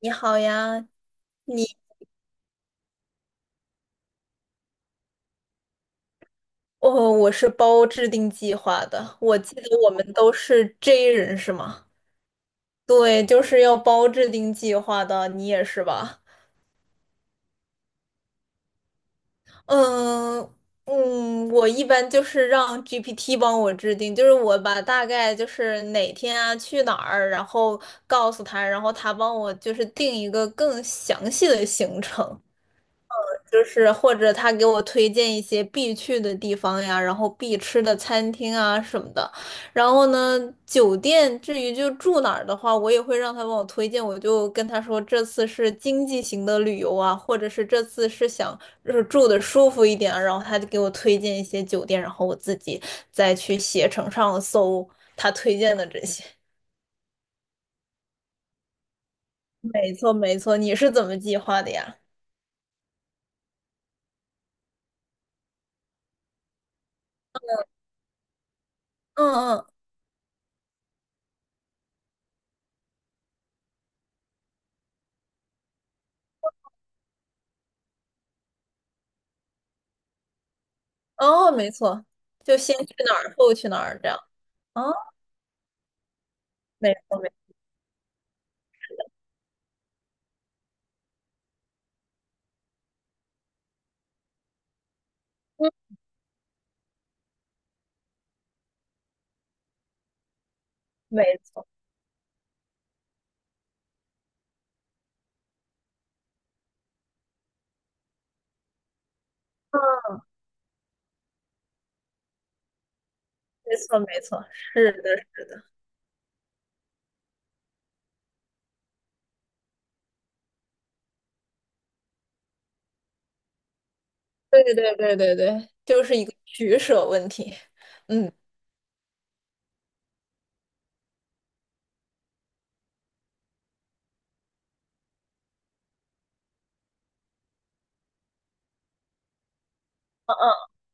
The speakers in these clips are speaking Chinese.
你好呀，你哦，我是包制定计划的。我记得我们都是 J 人是吗？对，就是要包制定计划的，你也是吧？嗯嗯，我一般就是让 GPT 帮我制定，就是我把大概就是哪天啊去哪儿，然后告诉他，然后他帮我就是定一个更详细的行程。就是或者他给我推荐一些必去的地方呀，然后必吃的餐厅啊什么的。然后呢，酒店至于就住哪儿的话，我也会让他帮我推荐。我就跟他说，这次是经济型的旅游啊，或者是这次是想就是住的舒服一点啊然后他就给我推荐一些酒店，然后我自己再去携程上搜他推荐的这些。没错，没错，你是怎么计划的呀？嗯嗯，哦，没错，就先去哪儿，后去哪儿这样。啊。没错，没错，没错，嗯，没错，没错，是的，是的，对对对对对，就是一个取舍问题。嗯，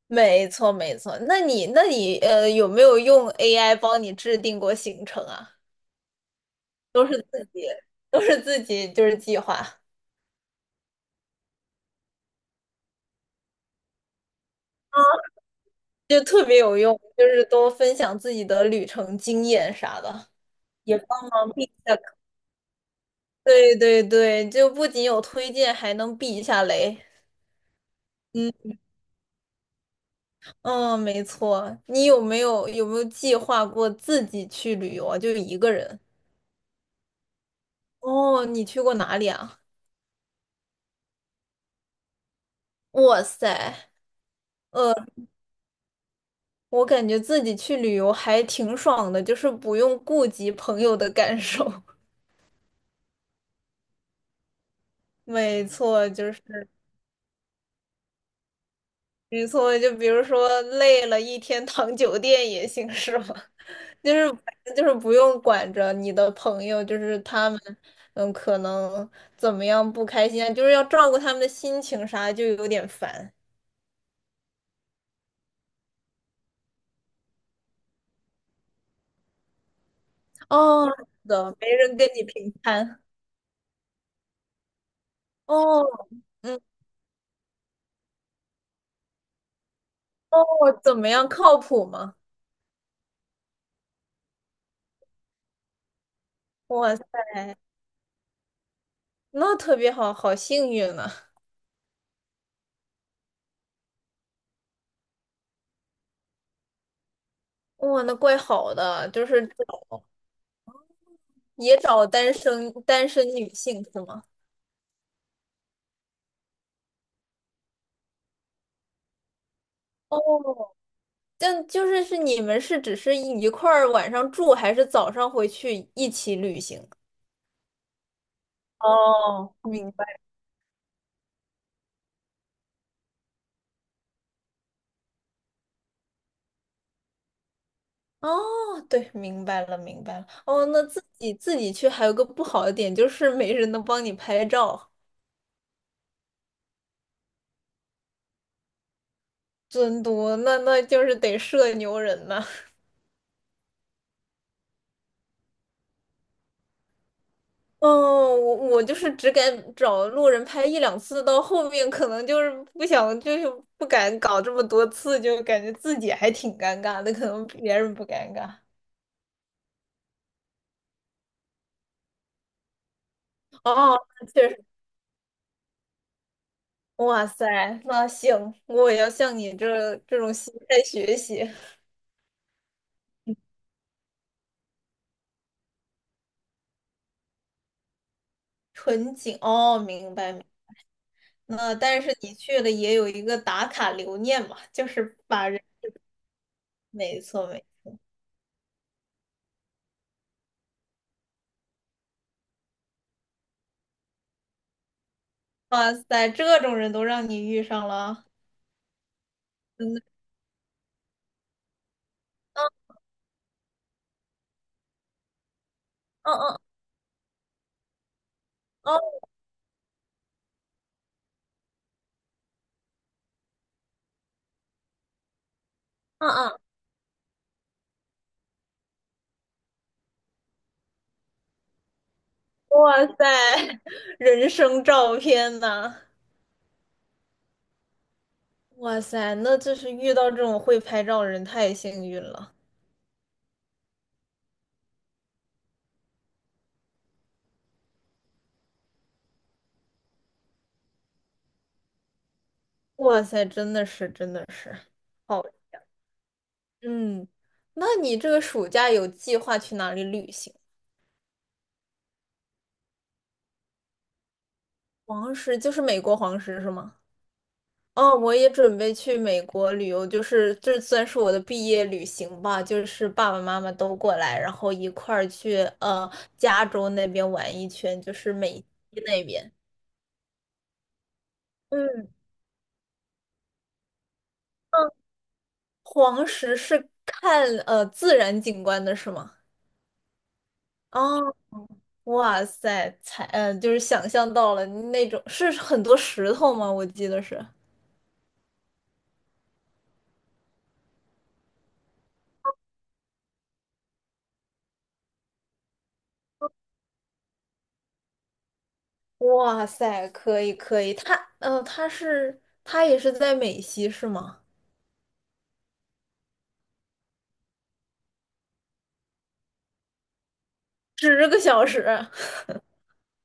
没错，没错。那你，那你，有没有用 AI 帮你制定过行程啊？都是自己，都是自己，就是计划，啊，就特别有用，就是多分享自己的旅程经验啥的，也帮忙避一下坑。对对对，就不仅有推荐，还能避一下雷。嗯，没错。你有没有计划过自己去旅游啊？就一个人？哦，你去过哪里啊？哇塞，呃，我感觉自己去旅游还挺爽的，就是不用顾及朋友的感受。没错，就是没错。就比如说累了一天躺酒店也行，是吗？就是就是不用管着你的朋友，就是他们，嗯，可能怎么样不开心啊，就是要照顾他们的心情啥，就有点烦。哦，是的，没人跟你平摊哦，嗯，哦，怎么样，靠谱吗？哇塞，那特别好，好幸运啊！哇，那怪好的，就是找也找单身女性是吗？哦，但就是是你们是只是一块儿晚上住，还是早上回去一起旅行？哦，明白。哦，对，明白了，明白了。哦，那自己去还有个不好的点，就是没人能帮你拍照。尊多，那那就是得社牛人呐。哦，我就是只敢找路人拍一两次，到后面可能就是不想，就是不敢搞这么多次，就感觉自己还挺尴尬的，可能别人不尴尬。哦，那确实，哇塞，那行，我也要向你这种心态学习。纯景，哦，明白明白。那但是你去了也有一个打卡留念嘛，就是把人，没错没错。哇塞，这种人都让你遇上了。嗯嗯嗯嗯嗯，哇塞，人生照片呐！哇塞，那就是遇到这种会拍照的人太幸运了。哇塞，真的是，真的是，好，嗯，那你这个暑假有计划去哪里旅行？黄石就是美国黄石是吗？哦，我也准备去美国旅游，就是这算是我的毕业旅行吧，就是爸爸妈妈都过来，然后一块儿去加州那边玩一圈，就是美西那边。嗯嗯，黄石是看自然景观的是吗？哦，哇塞，才嗯就是想象到了那种是很多石头吗？我记得是。哇塞，可以可以，他嗯他是他也是在美西是吗？十个小时。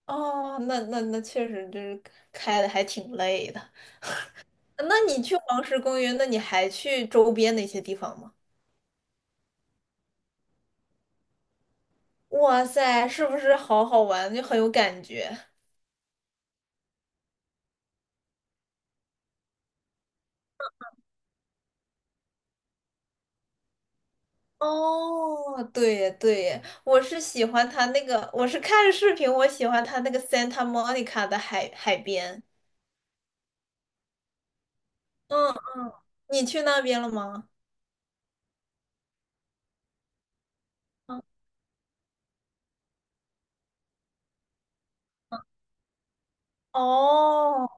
哦，那确实，就是开的还挺累的。那你去黄石公园，那你还去周边那些地方吗？哇塞，是不是好好玩，就很有感觉？哦，对耶对耶，我是喜欢它那个，我是看视频，我喜欢它那个 Santa Monica 的海边。嗯嗯，你去那边了吗？嗯哦，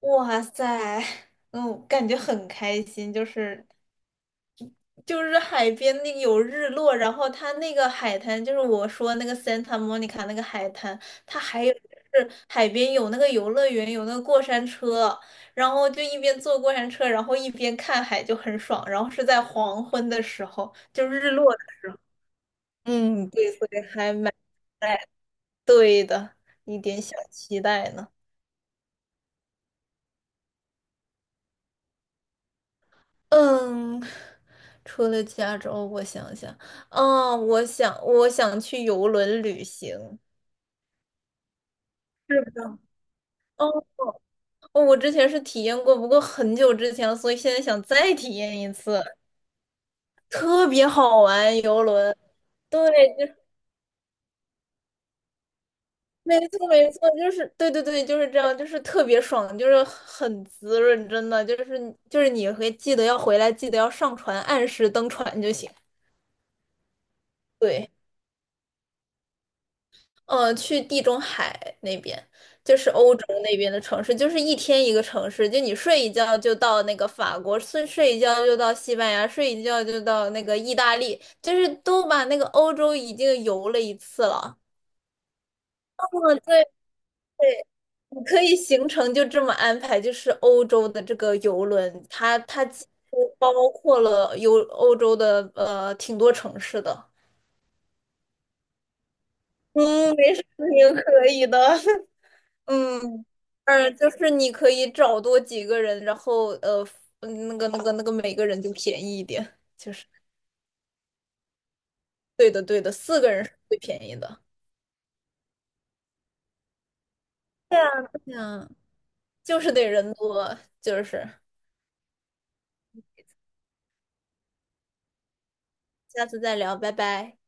哇塞，嗯，感觉很开心，就是就是海边那个有日落，然后它那个海滩，就是我说那个 Santa Monica 那个海滩，它还有就是海边有那个游乐园，有那个过山车，然后就一边坐过山车，然后一边看海就很爽，然后是在黄昏的时候，就日落的嗯，对，所以还蛮对的，一点小期待呢。嗯，除了加州，我想想，嗯，我想去游轮旅行。是的，哦，哦，我之前是体验过，不过很久之前了，所以现在想再体验一次，特别好玩，游轮。对，就没错没错，就是对对对，就是这样，就是特别爽，就是很滋润，真的，就是你会记得要回来，记得要上船，按时登船就行。对。去地中海那边，就是欧洲那边的城市，就是一天一个城市，就你睡一觉就到那个法国，睡一觉就到西班牙，睡一觉就到那个意大利，就是都把那个欧洲已经游了一次了。嗯，对，你可以行程就这么安排，就是欧洲的这个游轮，它几乎包括了游欧洲的挺多城市的。嗯，没事，你可以的。嗯，就是你可以找多几个人，然后那个，每个人就便宜一点，就是对的对的，四个人是最便宜的。对啊，对啊，就是得人多，就是下次再聊，拜拜。